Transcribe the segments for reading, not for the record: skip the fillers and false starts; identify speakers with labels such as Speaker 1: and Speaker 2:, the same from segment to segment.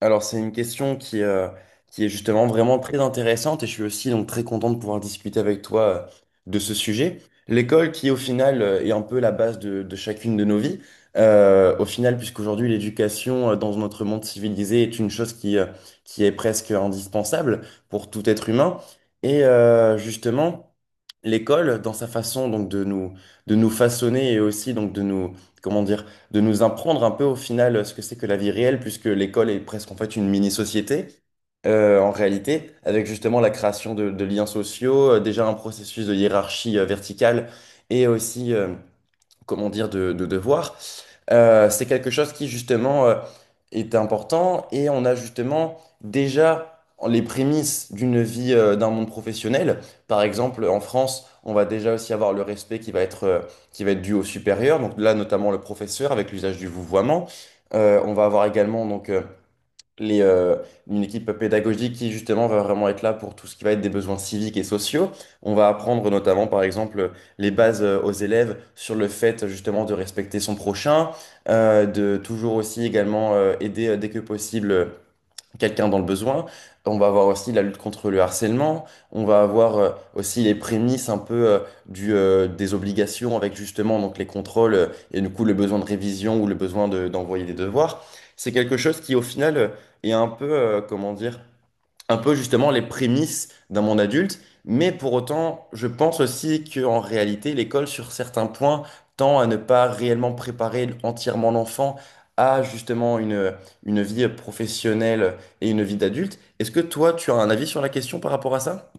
Speaker 1: Alors, c'est une question qui est justement vraiment très intéressante et je suis aussi donc très content de pouvoir discuter avec toi de ce sujet. L'école qui, au final, est un peu la base de chacune de nos vies. Au final, puisqu'aujourd'hui, l'éducation dans notre monde civilisé est une chose qui est presque indispensable pour tout être humain. Et justement, l'école, dans sa façon donc de nous façonner et aussi donc de nous, comment dire, de nous apprendre un peu au final ce que c'est que la vie réelle, puisque l'école est presque en fait une mini-société, en réalité, avec justement la création de liens sociaux, déjà un processus de hiérarchie verticale et aussi, comment dire, de devoir. C'est quelque chose qui, justement, est important et on a justement déjà les prémices d'une vie, d'un monde professionnel. Par exemple, en France, on va déjà aussi avoir le respect qui va être dû au supérieur, donc là, notamment le professeur avec l'usage du vouvoiement. On va avoir également donc, les, euh, une équipe pédagogique qui justement va vraiment être là pour tout ce qui va être des besoins civiques et sociaux. On va apprendre notamment par exemple les bases aux élèves sur le fait justement de respecter son prochain, de toujours aussi également aider dès que possible quelqu'un dans le besoin. On va avoir aussi la lutte contre le harcèlement. On va avoir aussi les prémices un peu des obligations avec justement donc les contrôles et du coup le besoin de révision ou le besoin d'envoyer des devoirs. C'est quelque chose qui au final est un peu, comment dire, un peu justement les prémices d'un monde adulte, mais pour autant, je pense aussi qu'en réalité, l'école, sur certains points, tend à ne pas réellement préparer entièrement l'enfant à justement une vie professionnelle et une vie d'adulte. Est-ce que toi, tu as un avis sur la question par rapport à ça?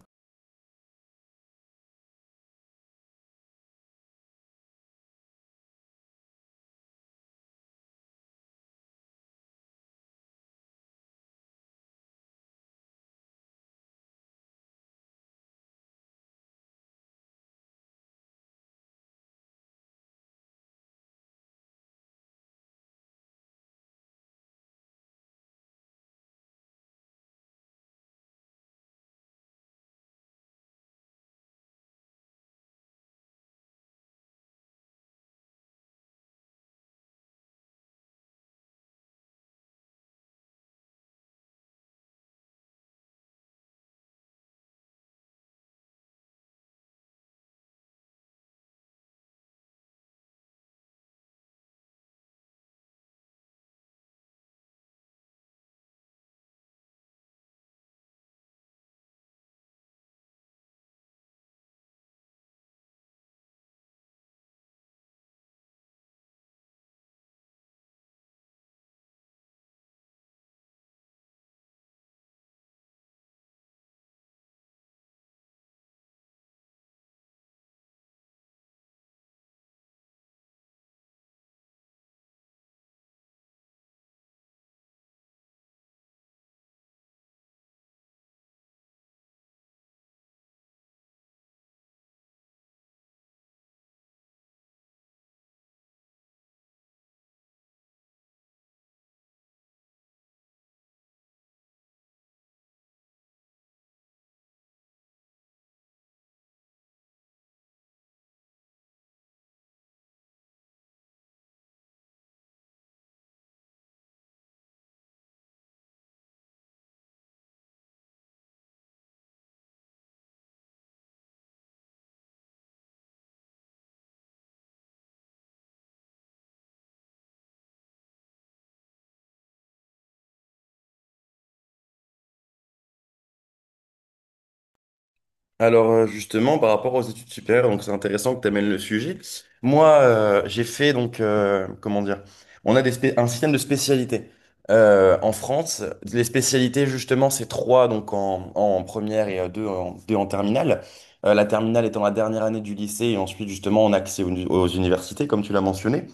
Speaker 1: Alors, justement, par rapport aux études supérieures, donc c'est intéressant que tu amènes le sujet. Moi, j'ai fait donc, comment dire, on a un système de spécialités. En France, les spécialités, justement, c'est trois donc en première et deux en terminale. La terminale étant la dernière année du lycée et ensuite, justement, on a accès aux universités, comme tu l'as mentionné.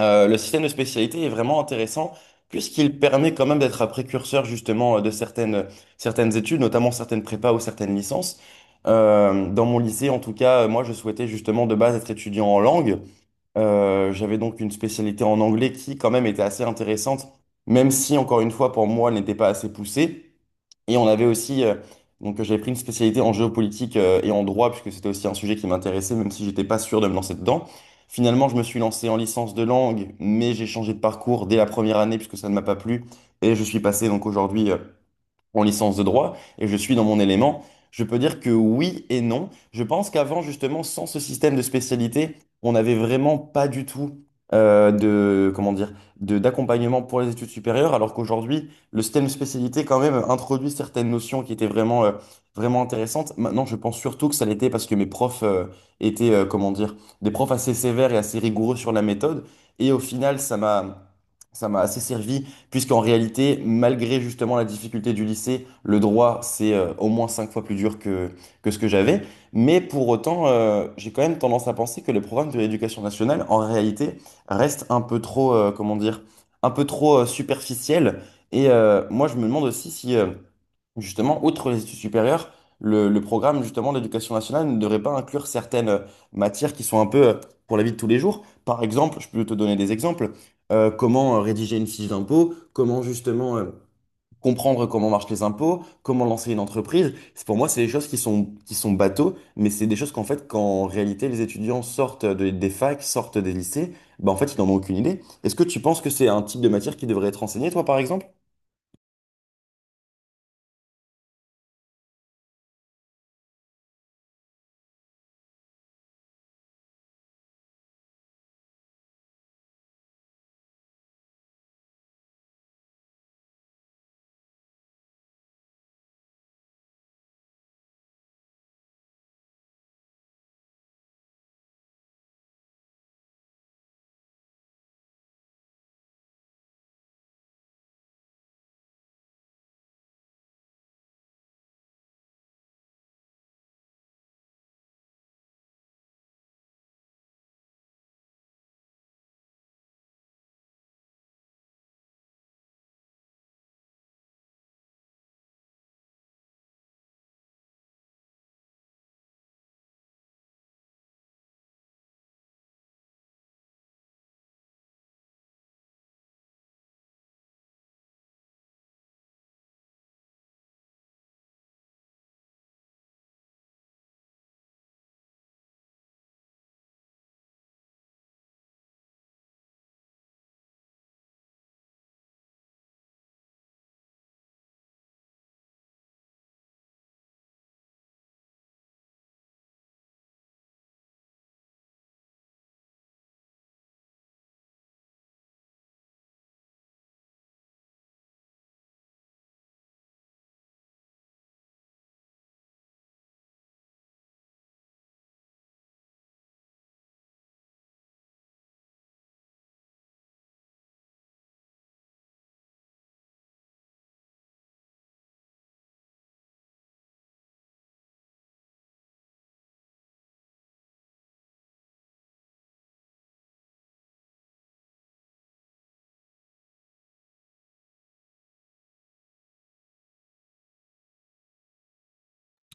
Speaker 1: Le système de spécialité est vraiment intéressant puisqu'il permet quand même d'être un précurseur justement de certaines études, notamment certaines prépas ou certaines licences. Dans mon lycée, en tout cas, moi, je souhaitais justement de base être étudiant en langue. J'avais donc une spécialité en anglais qui quand même était assez intéressante, même si, encore une fois, pour moi, elle n'était pas assez poussée. Et on avait aussi, donc j'avais pris une spécialité en géopolitique et en droit, puisque c'était aussi un sujet qui m'intéressait, même si j'étais pas sûr de me lancer dedans. Finalement, je me suis lancé en licence de langue, mais j'ai changé de parcours dès la première année, puisque ça ne m'a pas plu. Et je suis passé donc aujourd'hui en licence de droit et je suis dans mon élément. Je peux dire que oui et non. Je pense qu'avant, justement, sans ce système de spécialité, on n'avait vraiment pas du tout de, comment dire, d'accompagnement pour les études supérieures, alors qu'aujourd'hui, le système de spécialité, quand même, introduit certaines notions qui étaient vraiment intéressantes. Maintenant, je pense surtout que ça l'était parce que mes profs étaient, comment dire, des profs assez sévères et assez rigoureux sur la méthode. Et au final, ça m'a assez servi puisqu'en réalité, malgré justement la difficulté du lycée, le droit, c'est au moins cinq fois plus dur que ce que j'avais. Mais pour autant, j'ai quand même tendance à penser que les programmes de l'éducation nationale, en réalité, restent un peu trop, comment dire, un peu trop superficiels. Et moi, je me demande aussi si. Justement, outre les études supérieures, le programme justement d'éducation nationale ne devrait pas inclure certaines matières qui sont un peu pour la vie de tous les jours. Par exemple, je peux te donner des exemples comment rédiger une fiche d'impôt, comment justement comprendre comment marchent les impôts, comment lancer une entreprise. Pour moi, c'est des choses qui sont bateaux, mais c'est des choses qu'en fait, quand en réalité les étudiants sortent des facs, sortent des lycées, bah, en fait, ils n'en ont aucune idée. Est-ce que tu penses que c'est un type de matière qui devrait être enseigné, toi, par exemple?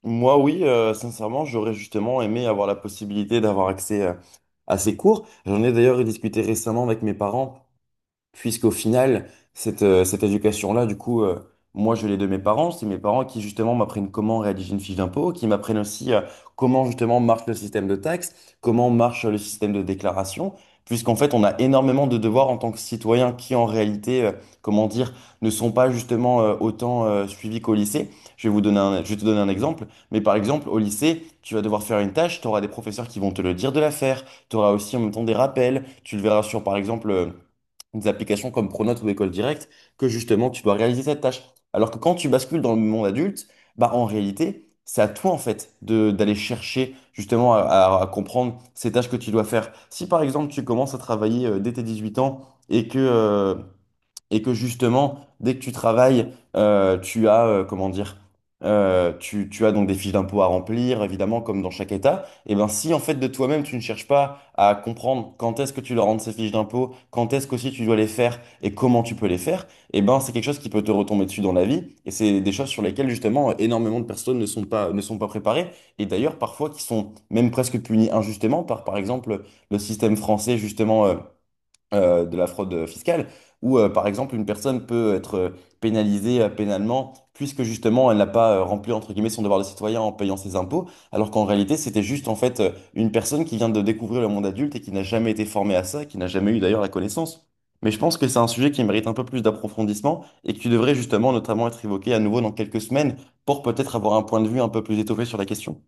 Speaker 1: Moi, oui, sincèrement, j'aurais justement aimé avoir la possibilité d'avoir accès à ces cours. J'en ai d'ailleurs discuté récemment avec mes parents puisqu'au final, cette éducation-là, du coup, moi, je l'ai de mes parents. C'est mes parents qui, justement, m'apprennent comment rédiger une fiche d'impôt, qui m'apprennent aussi comment, justement, marche le système de taxes, comment marche le système de déclaration, puisqu'en fait, on a énormément de devoirs en tant que citoyen qui, en réalité, comment dire, ne sont pas, justement, autant suivis qu'au lycée. Je vais te donner un exemple. Mais par exemple, au lycée, tu vas devoir faire une tâche, tu auras des professeurs qui vont te le dire de la faire, tu auras aussi en même temps des rappels, tu le verras sur, par exemple, des applications comme Pronote ou École Directe, que justement tu dois réaliser cette tâche. Alors que quand tu bascules dans le monde adulte, bah en réalité, c'est à toi en fait de d'aller chercher justement à comprendre ces tâches que tu dois faire. Si par exemple tu commences à travailler dès tes 18 ans et que euh, et que justement, dès que tu travailles, tu as, comment dire, tu as donc des fiches d'impôts à remplir, évidemment, comme dans chaque État, et bien si en fait de toi-même, tu ne cherches pas à comprendre quand est-ce que tu dois rendre ces fiches d'impôts, quand est-ce qu'aussi tu dois les faire et comment tu peux les faire, et ben c'est quelque chose qui peut te retomber dessus dans la vie, et c'est des choses sur lesquelles justement énormément de personnes ne sont pas préparées, et d'ailleurs parfois qui sont même presque punies injustement par exemple, le système français justement, de la fraude fiscale, où par exemple une personne peut être pénalisée pénalement puisque justement elle n'a pas rempli entre guillemets son devoir de citoyen en payant ses impôts, alors qu'en réalité c'était juste en fait une personne qui vient de découvrir le monde adulte et qui n'a jamais été formée à ça, qui n'a jamais eu d'ailleurs la connaissance. Mais je pense que c'est un sujet qui mérite un peu plus d'approfondissement et qui devrait justement notamment être évoqué à nouveau dans quelques semaines pour peut-être avoir un point de vue un peu plus étoffé sur la question.